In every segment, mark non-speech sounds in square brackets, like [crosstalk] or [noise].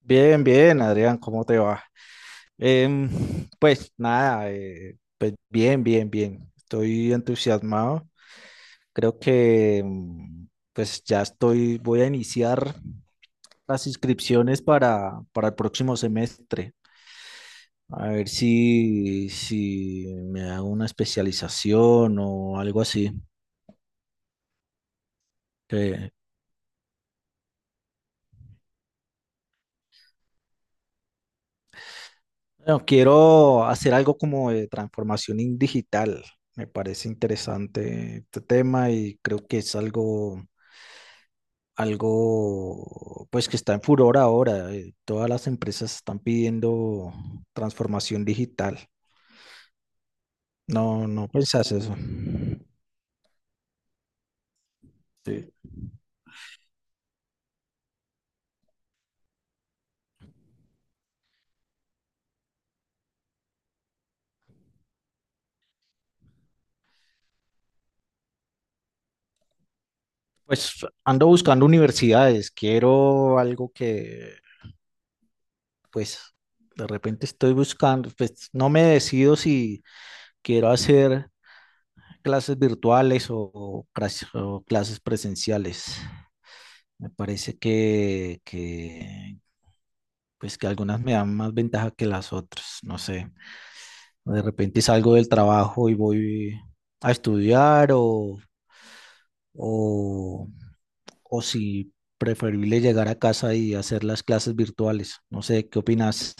Bien, bien, Adrián, ¿cómo te va? Em, [laughs] pues nada, pues bien, bien, bien. Estoy entusiasmado. Creo que pues ya estoy, voy a iniciar las inscripciones para el próximo semestre. A ver si me hago una especialización o algo así. Que, bueno, quiero hacer algo como de transformación digital. Me parece interesante este tema y creo que es algo pues que está en furor ahora. Todas las empresas están pidiendo transformación digital. No, no pensás eso. Sí. Pues ando buscando universidades, quiero algo que pues de repente estoy buscando, pues no me decido si quiero hacer clases virtuales o, o clases presenciales. Me parece que pues que algunas me dan más ventaja que las otras, no sé. De repente salgo del trabajo y voy a estudiar o, o si preferible llegar a casa y hacer las clases virtuales. No sé, ¿qué opinas?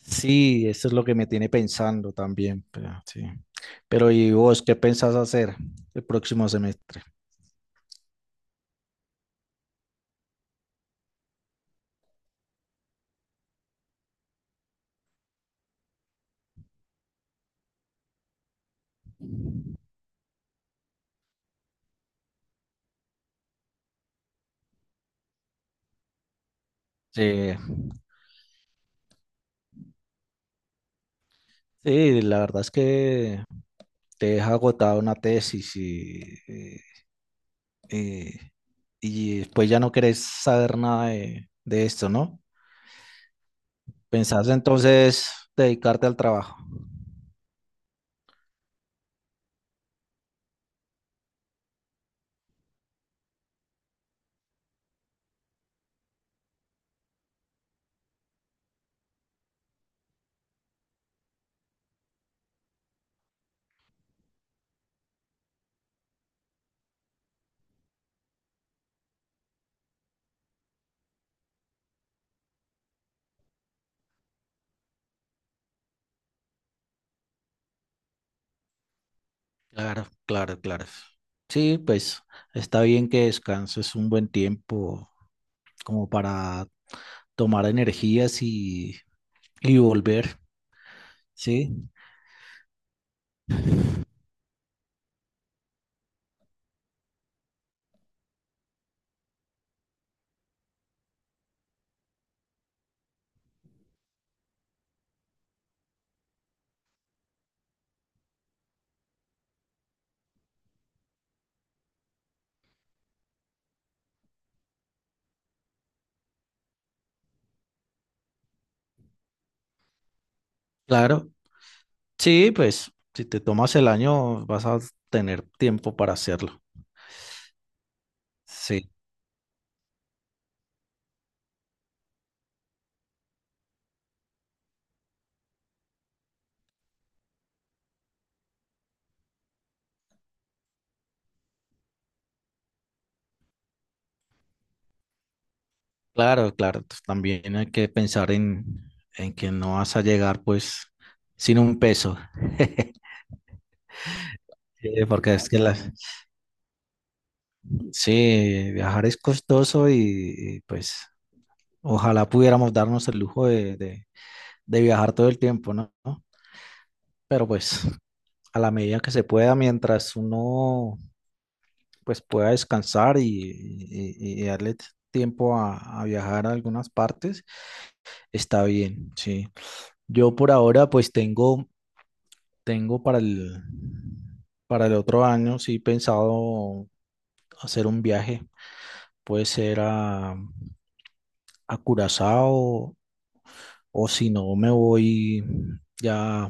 Sí, eso es lo que me tiene pensando también. Pero, sí. Pero ¿y vos qué pensás hacer el próximo semestre? Sí, sí, la verdad es que te deja agotada una tesis eh, eh, y después ya no querés saber nada de esto, ¿no? Pensás entonces dedicarte al trabajo. Claro, claro, claro. Sí, pues está bien que descanses un buen tiempo como para tomar energías y volver. Sí, claro. Sí, pues si te tomas el año vas a tener tiempo para hacerlo. Sí, claro, claro. Pues, también hay que pensar en que no vas a llegar pues sin un peso. [laughs] Sí, porque es que Sí, viajar es costoso y, pues ojalá pudiéramos darnos el lujo de viajar todo el tiempo, ¿no? ¿No? Pero pues a la medida que se pueda, mientras uno pues pueda descansar y darle tiempo a viajar a algunas partes, está bien, sí. Yo por ahora pues tengo, tengo para para el otro año, sí, pensado hacer un viaje, puede ser a Curazao. O si no, me voy ya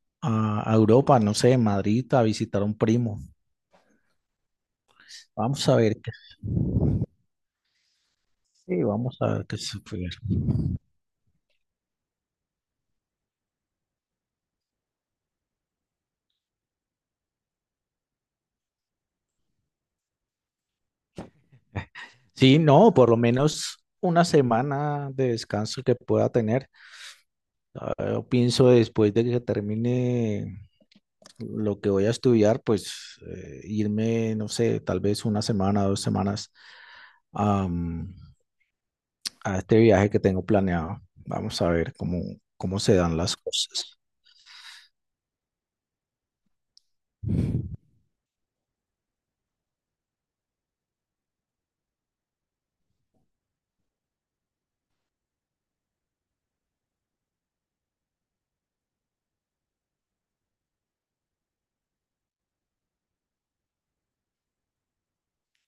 a Europa, no sé, Madrid, a visitar a un primo. Vamos a ver qué. Sí, vamos a ver qué se puede. Sí, no, por lo menos una semana de descanso que pueda tener. Ah, yo pienso después de que termine lo que voy a estudiar, pues irme, no sé, tal vez una semana, dos semanas a, a este viaje que tengo planeado. Vamos a ver cómo, cómo se dan las cosas.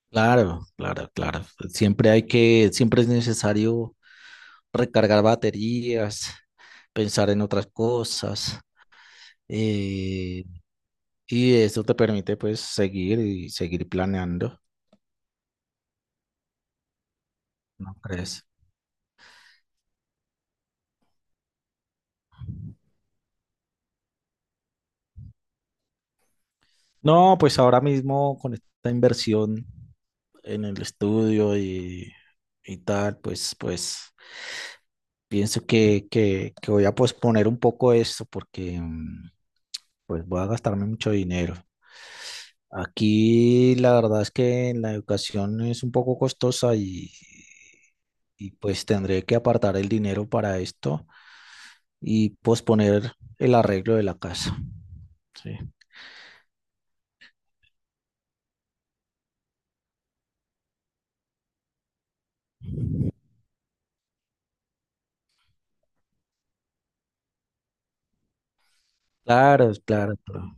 Claro, claro, claro. Siempre hay que, siempre es necesario recargar baterías, pensar en otras cosas, eh, y eso te permite pues seguir y seguir planeando, ¿no crees? No, pues ahora mismo con esta inversión en el estudio y tal, pues, pues pienso que voy a posponer un poco esto porque pues voy a gastarme mucho dinero. Aquí la verdad es que la educación es un poco costosa y pues tendré que apartar el dinero para esto y posponer el arreglo de la casa. Sí. Claro, claro, pero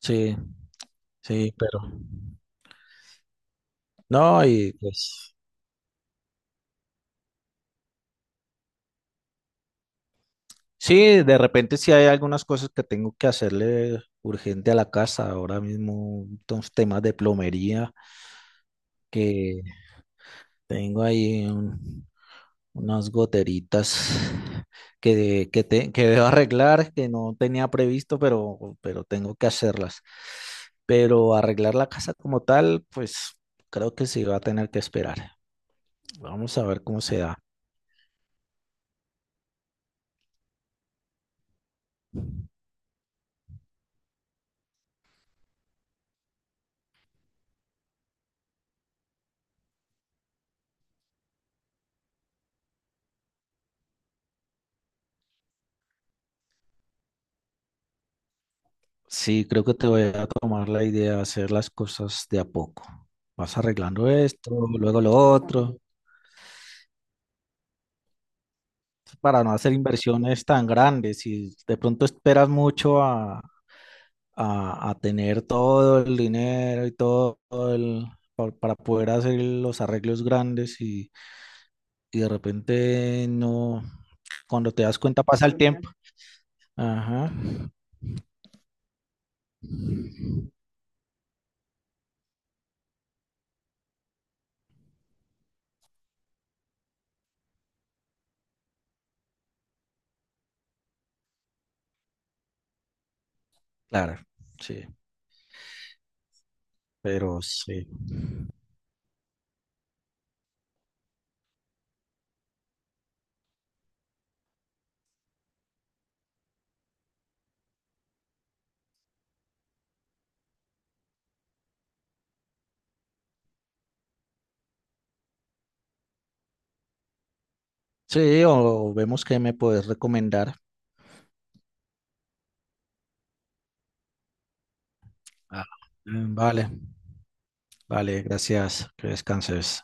sí, sí, pero no, y pues sí, de repente sí hay algunas cosas que tengo que hacerle urgente a la casa, ahora mismo unos temas de plomería que tengo ahí unas goteritas que, que debo arreglar, que no tenía previsto, pero tengo que hacerlas. Pero arreglar la casa como tal, pues creo que sí va a tener que esperar. Vamos a ver cómo se da. Sí, creo que te voy a tomar la idea de hacer las cosas de a poco. Vas arreglando esto, luego lo otro, para no hacer inversiones tan grandes. Si de pronto esperas mucho a tener todo el dinero y todo el, para poder hacer los arreglos grandes y de repente no, cuando te das cuenta pasa el tiempo. Ajá, claro, sí, pero sí. Sí, o vemos qué me puedes recomendar. Ah, vale, vale, gracias, que descanses.